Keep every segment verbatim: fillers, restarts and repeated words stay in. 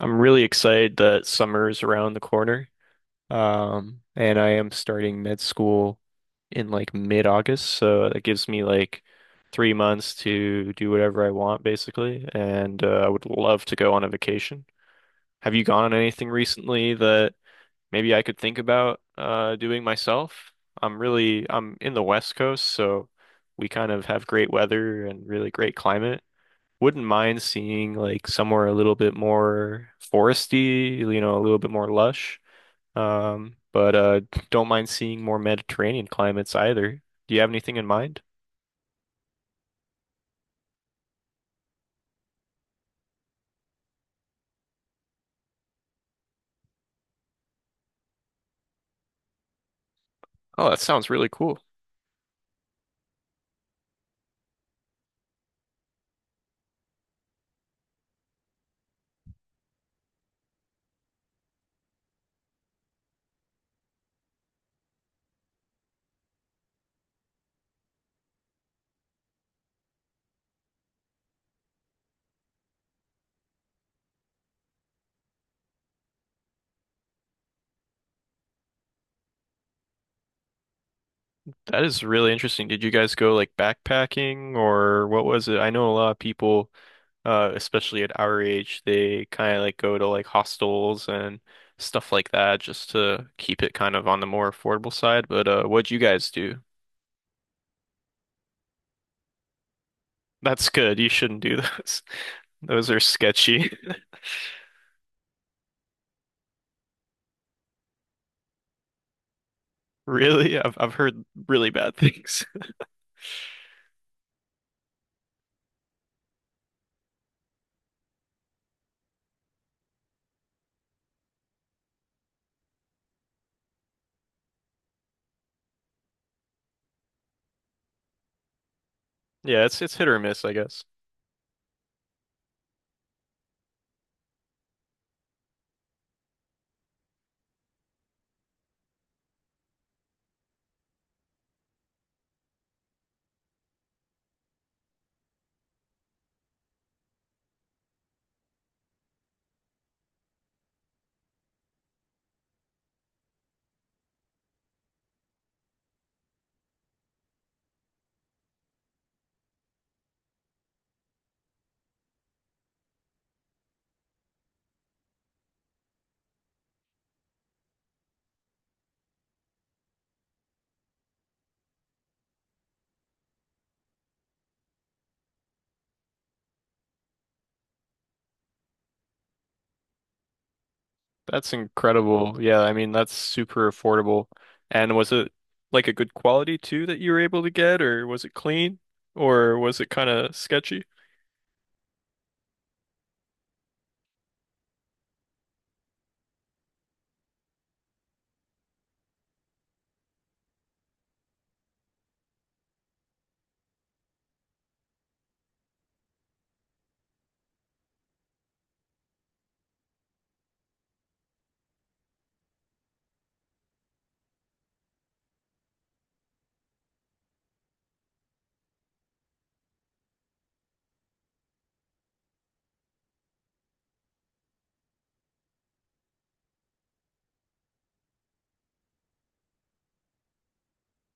I'm really excited that summer is around the corner. Um, and I am starting med school in like mid-August, so that gives me like three months to do whatever I want, basically. And uh, I would love to go on a vacation. Have you gone on anything recently that maybe I could think about uh, doing myself? I'm really I'm in the West Coast, so we kind of have great weather and really great climate wouldn't mind seeing like somewhere a little bit more foresty, you know, a little bit more lush. Um, but uh, Don't mind seeing more Mediterranean climates either. Do you have anything in mind? Oh, that sounds really cool. That is really interesting. Did you guys go like backpacking or what was it? I know a lot of people, uh, especially at our age, they kind of like go to like hostels and stuff like that just to keep it kind of on the more affordable side. But uh, what'd you guys do? That's good. You shouldn't do those. Those are sketchy. Really? I've I've heard really bad things. Yeah, it's it's hit or miss, I guess. That's incredible. Yeah, I mean that's super affordable. And was it like a good quality too that you were able to get, or was it clean, or was it kind of sketchy?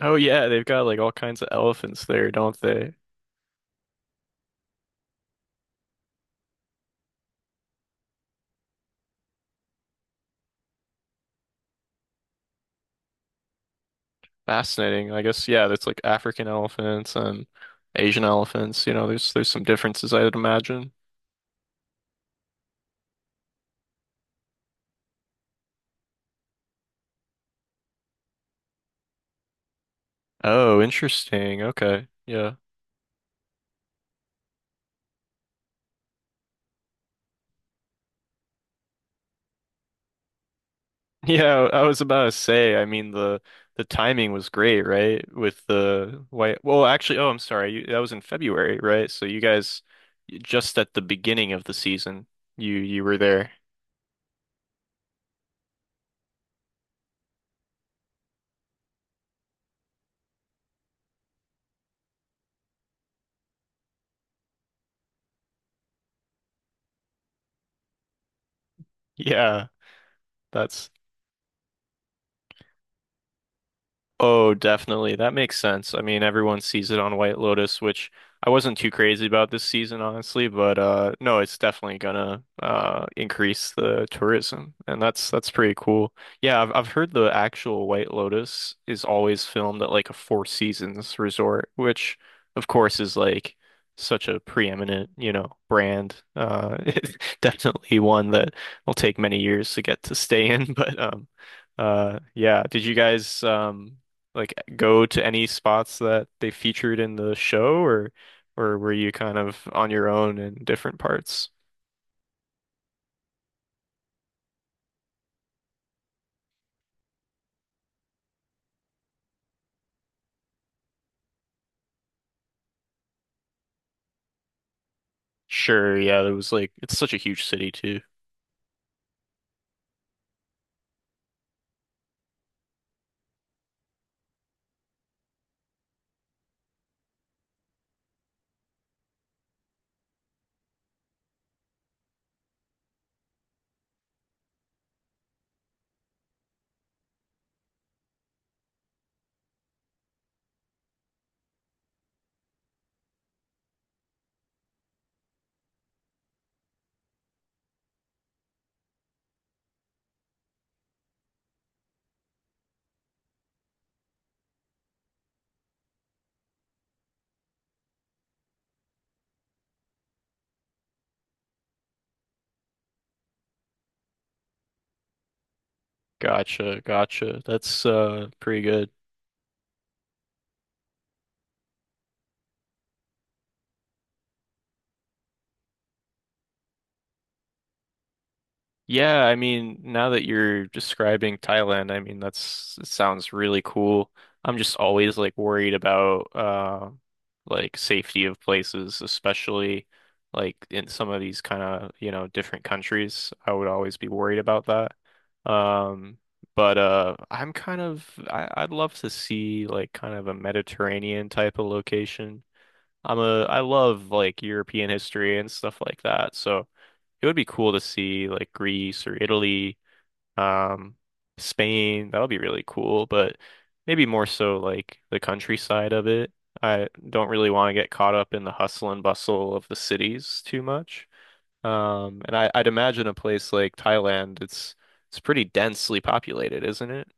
Oh yeah, they've got like all kinds of elephants there, don't they? Fascinating. I guess yeah, that's like African elephants and Asian elephants. You know, there's there's some differences I'd imagine. Oh, interesting. Okay. Yeah. Yeah, I was about to say, I mean the the timing was great, right? With the white Well, actually, oh, I'm sorry. You, that was in February, right? So you guys just at the beginning of the season, you you were there. Yeah, that's Oh, definitely. That makes sense. I mean, everyone sees it on White Lotus, which I wasn't too crazy about this season, honestly, but uh no, it's definitely gonna uh increase the tourism. And that's that's pretty cool. Yeah, I've I've heard the actual White Lotus is always filmed at like a Four Seasons resort, which of course is like such a preeminent, you know, brand. Uh it's definitely one that will take many years to get to stay in, but um uh yeah, did you guys um like go to any spots that they featured in the show or or were you kind of on your own in different parts? Sure, yeah, there was like it's such a huge city too. Gotcha, gotcha. That's uh pretty good. Yeah, I mean, now that you're describing Thailand, I mean, that's it sounds really cool. I'm just always like worried about uh like safety of places, especially like in some of these kind of, you know, different countries. I would always be worried about that. Um but uh I'm kind of I, I'd love to see like kind of a Mediterranean type of location. I'm a I love like European history and stuff like that. So it would be cool to see like Greece or Italy, um, Spain. That would be really cool, but maybe more so like the countryside of it. I don't really want to get caught up in the hustle and bustle of the cities too much. Um, and I, I'd imagine a place like Thailand, it's it's pretty densely populated, isn't it?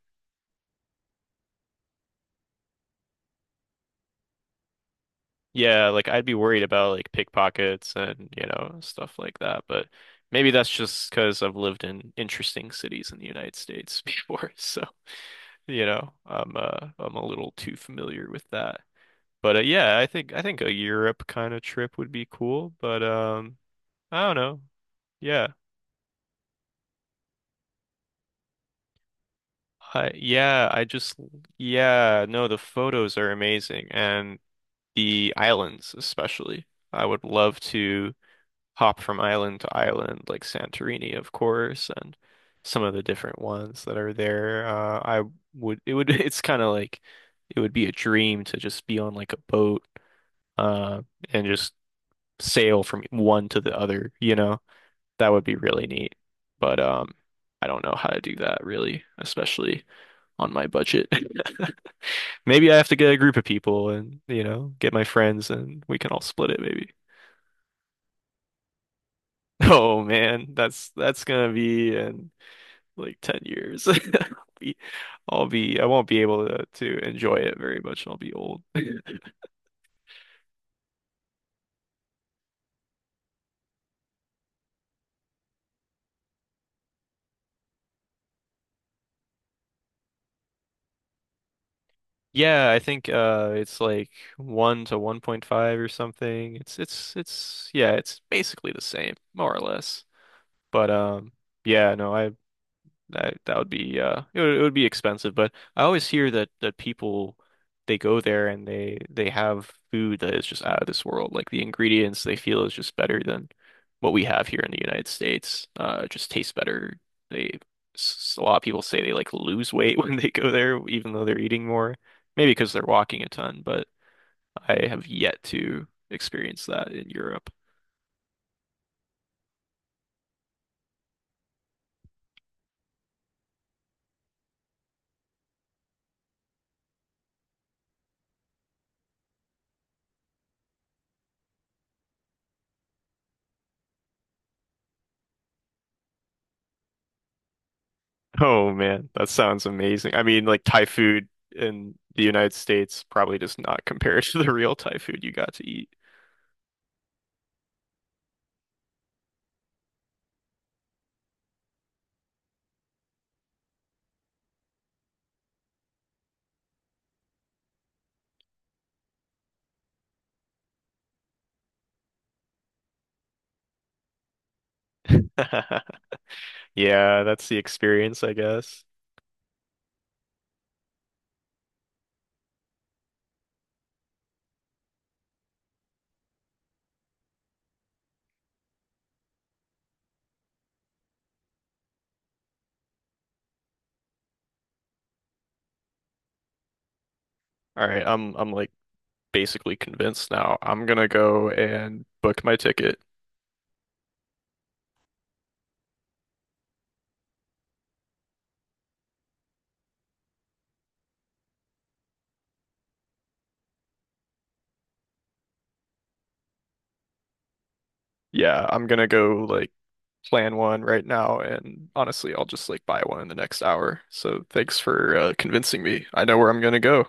Yeah, like I'd be worried about like pickpockets and, you know, stuff like that, but maybe that's just because I've lived in interesting cities in the United States before, so. You know, I'm uh I'm a little too familiar with that. But uh, yeah, I think I think a Europe kind of trip would be cool, but um I don't know. Yeah. I yeah, I just yeah, no, the photos are amazing and the islands especially. I would love to hop from island to island like Santorini, of course, and some of the different ones that are there. Uh I would it would it's kind of like it would be a dream to just be on like a boat uh, and just sail from one to the other, you know? That would be really neat. But um, I don't know how to do that really, especially on my budget. Maybe I have to get a group of people and, you know, get my friends and we can all split it maybe. Oh man, that's that's gonna be in like ten years. I'll Be- I'll be I won't be able to to enjoy it very much. I'll be old. Yeah, I think uh it's like one to one point five or something. It's it's it's yeah, it's basically the same, more or less. But um yeah, no, that that would be uh it would, it would be expensive, but I always hear that that people they go there and they they have food that is just out of this world. Like the ingredients they feel is just better than what we have here in the United States. Uh, it just tastes better. They s- a lot of people say they like lose weight when they go there, even though they're eating more. Maybe because they're walking a ton, but I have yet to experience that in Europe. Oh man, that sounds amazing. I mean, like Thai food in the United States probably does not compare to the real Thai food you got to eat. Yeah, that's the experience, I guess. All right, I'm I'm like basically convinced now. I'm gonna go and book my ticket. Yeah, I'm gonna go like plan one right now, and honestly, I'll just like buy one in the next hour. So thanks for uh, convincing me. I know where I'm gonna go.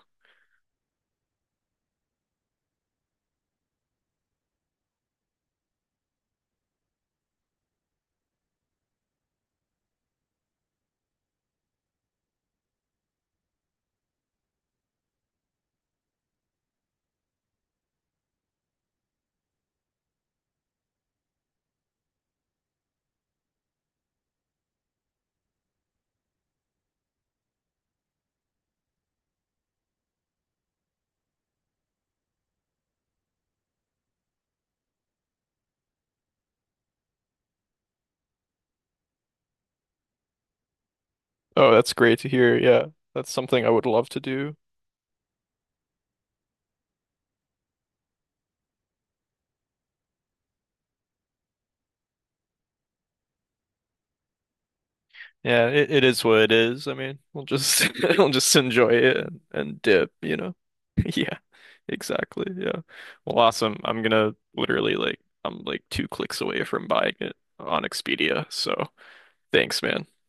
Oh, that's great to hear. Yeah, that's something I would love to do. Yeah, it, it is what it is. I mean, we'll just we'll just enjoy it and, and dip, you know. Yeah, exactly. Yeah. Well, awesome. I'm gonna literally like I'm like two clicks away from buying it on Expedia, so Thanks, man.